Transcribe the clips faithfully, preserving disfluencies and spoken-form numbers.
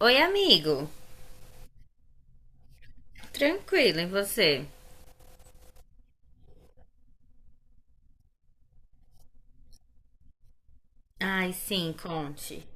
Oi, amigo. Tranquilo, e você? Ai, sim, conte.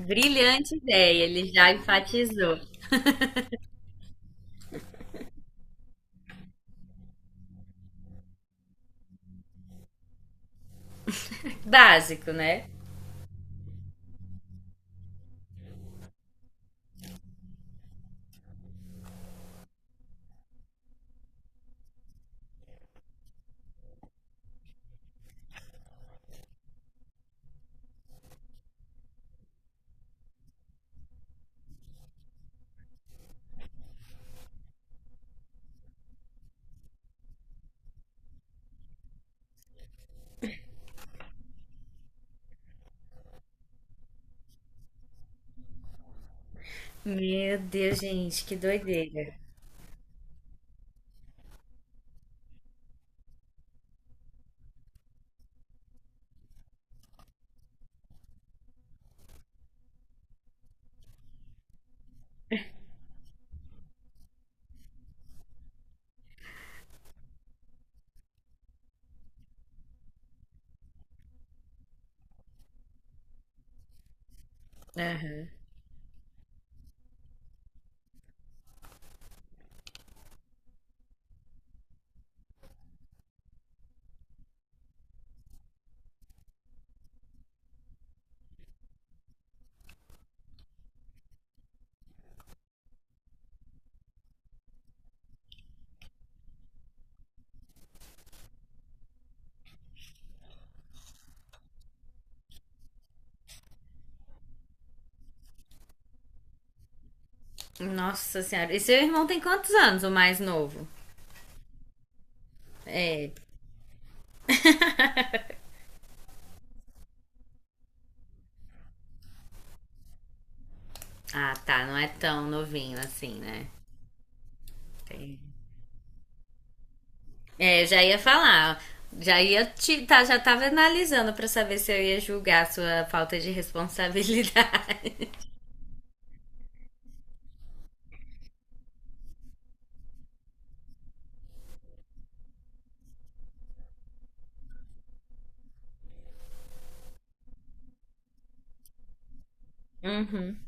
Brilhante ideia, ele já enfatizou. Básico, né? Meu Deus, gente, que doideira. Aham. Nossa senhora. E seu irmão tem quantos anos, o mais novo? É. Ah, tá, não é tão novinho assim, né? Tem- É, eu já ia falar. Já ia te, tá, já tava analisando pra saber se eu ia julgar a sua falta de responsabilidade. Uhum.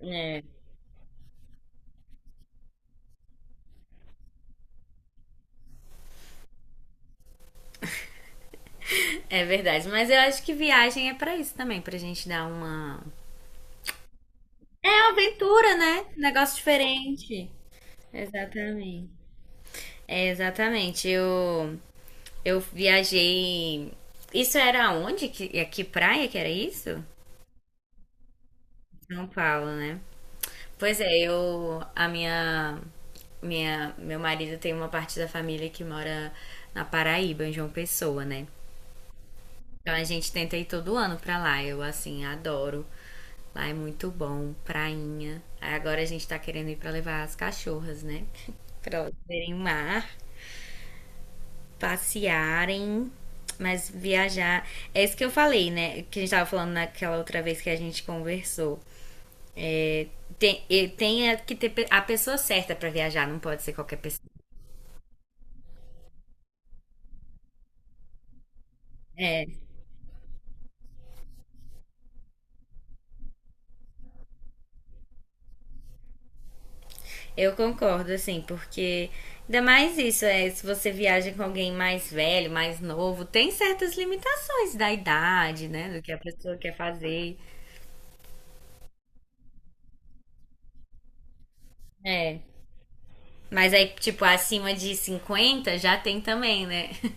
É. É verdade, mas eu acho que viagem é pra isso também, pra gente dar uma. É uma aventura, né? Um negócio diferente. Exatamente. É, exatamente. Eu, eu viajei. Isso era onde? Que, a que praia que era isso? São Paulo, né? Pois é, eu. A minha. Minha, meu marido tem uma parte da família que mora na Paraíba, em João Pessoa, né? Então a gente tenta ir todo ano pra lá. Eu, assim, adoro. Lá é muito bom, prainha. Aí agora a gente tá querendo ir pra levar as cachorras, né? pra elas verem o mar, passearem, mas viajar. É isso que eu falei, né? Que a gente tava falando naquela outra vez que a gente conversou. Tem, e tem a- que ter pe- a pessoa certa pra viajar, não pode ser qualquer pessoa. É, eu concordo, assim, porque ainda mais isso, é, se você viaja com alguém mais velho, mais novo, tem certas limitações da idade, né? Do que a pessoa quer fazer. É. Mas aí, tipo, acima de cinquenta já tem também, né?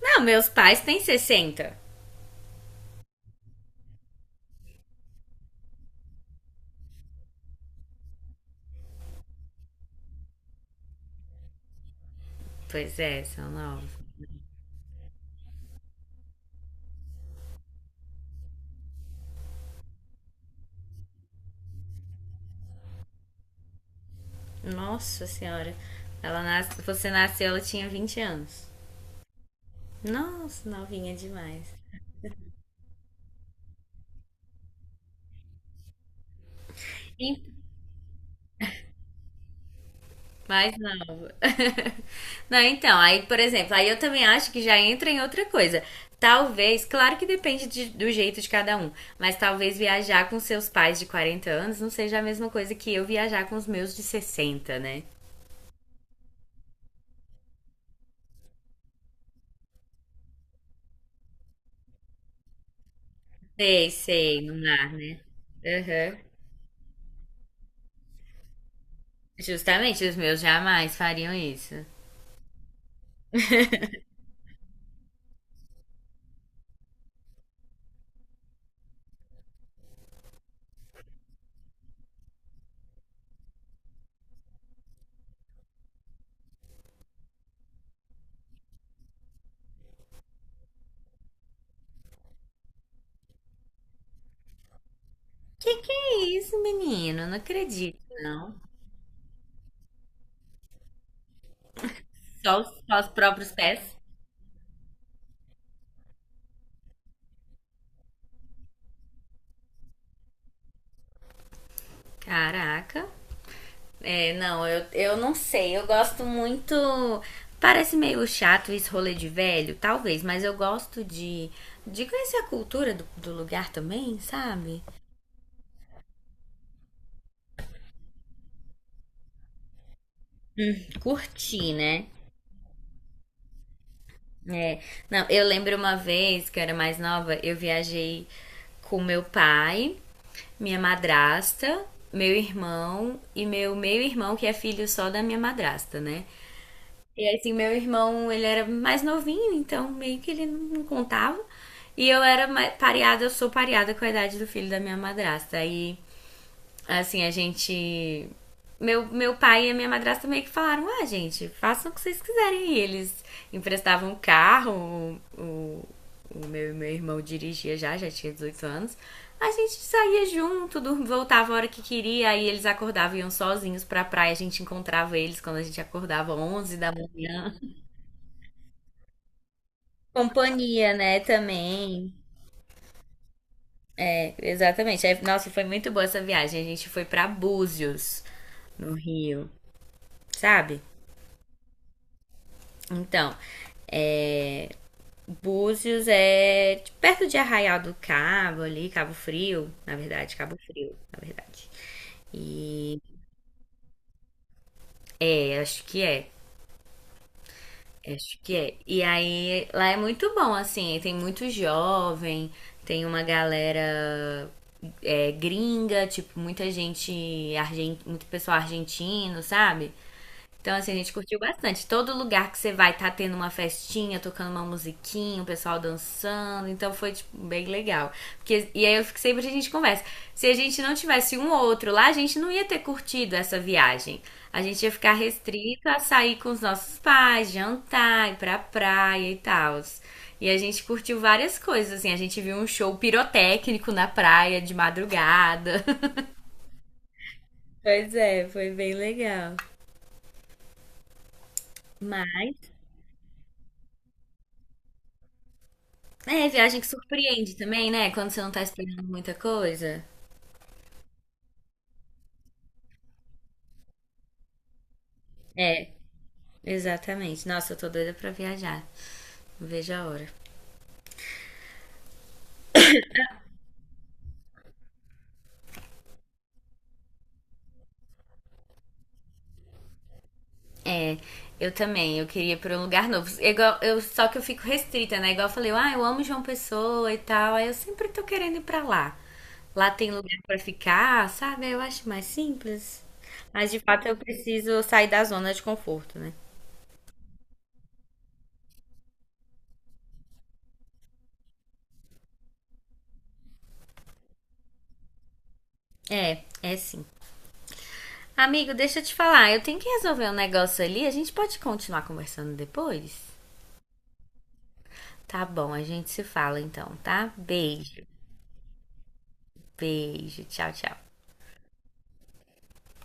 Não, meus pais têm sessenta. Pois é, são novos. Nossa senhora. Ela nas... Você nasceu, ela tinha vinte anos. Nossa, novinha demais. Mais nova. Não, então, aí, por exemplo, aí eu também acho que já entra em outra coisa. Talvez, claro que depende de- do jeito de cada um, mas talvez viajar com seus pais de quarenta anos não seja a mesma coisa que eu viajar com os meus de sessenta né? Sei, sei, no mar, né? Aham. Justamente, os meus jamais fariam isso. Que que é isso, menino? Não acredito, não. Só os, só os próprios pés? Caraca. É, não, eu, eu não sei. Eu gosto muito. Parece meio chato esse rolê de velho, talvez, mas eu gosto de, de conhecer a cultura do, do lugar também, sabe? Curtir, né? É. Não, eu lembro uma vez que eu era mais nova, eu viajei com meu pai, minha madrasta, meu irmão e meu meio-irmão, que é filho só da minha madrasta, né? E assim, meu irmão, ele era mais novinho, então meio que ele não contava. E eu era ma- pareada, eu sou pareada com a idade do filho da minha madrasta. Aí, assim, a gente. Meu, meu pai e a minha madrasta meio que falaram: ah, gente, façam o que vocês quiserem. E eles emprestavam o carro, o, o- o meu, meu irmão dirigia já, já tinha dezoito anos. A gente saía junto, dur- voltava a hora que queria, aí eles acordavam e iam sozinhos pra praia. A gente encontrava eles quando a gente acordava onze da manhã. Companhia, né, também. É, exatamente. Aí, nossa, foi muito boa essa viagem. A gente foi pra Búzios, no Rio, sabe? Então, Búzios é de- perto de Arraial do Cabo ali, Cabo Frio, na verdade, Cabo Frio, na verdade. E é, acho que é. Acho que é. E aí, lá é muito bom, assim, tem muito jovem, tem uma galera é, gringa, tipo, muita gente, argen- muito pessoal argentino, sabe? Então, assim, a gente curtiu bastante. Todo lugar que você vai tá tendo uma festinha, tocando uma musiquinha, o pessoal dançando. Então foi, tipo, bem legal. Porque, e aí eu fico sempre a gente conversa. Se a gente não tivesse um ou outro lá, a gente não ia ter curtido essa viagem. A gente ia ficar restrito a sair com os nossos pais, jantar, ir pra praia e tal. E a gente curtiu várias coisas, assim. A gente viu um show pirotécnico na praia de madrugada. Pois é, foi bem legal. É, viagem que surpreende também, né? Quando você não tá esperando muita coisa. É, exatamente. Nossa, eu tô doida pra viajar. Não vejo a hora. É, eu também. Eu queria ir pra um lugar novo. É Igual, eu, só que eu fico restrita, né? Igual eu falei, ah, eu amo João Pessoa e tal. Aí eu sempre tô querendo ir pra lá. Lá tem lugar pra ficar, sabe? Eu acho mais simples. Mas de fato eu preciso sair da zona de conforto, né? É, é sim. Amigo, deixa eu te falar, eu tenho que resolver um negócio ali. A gente pode continuar conversando depois? Tá bom, a gente se fala então, tá? Beijo, beijo, tchau, tchau.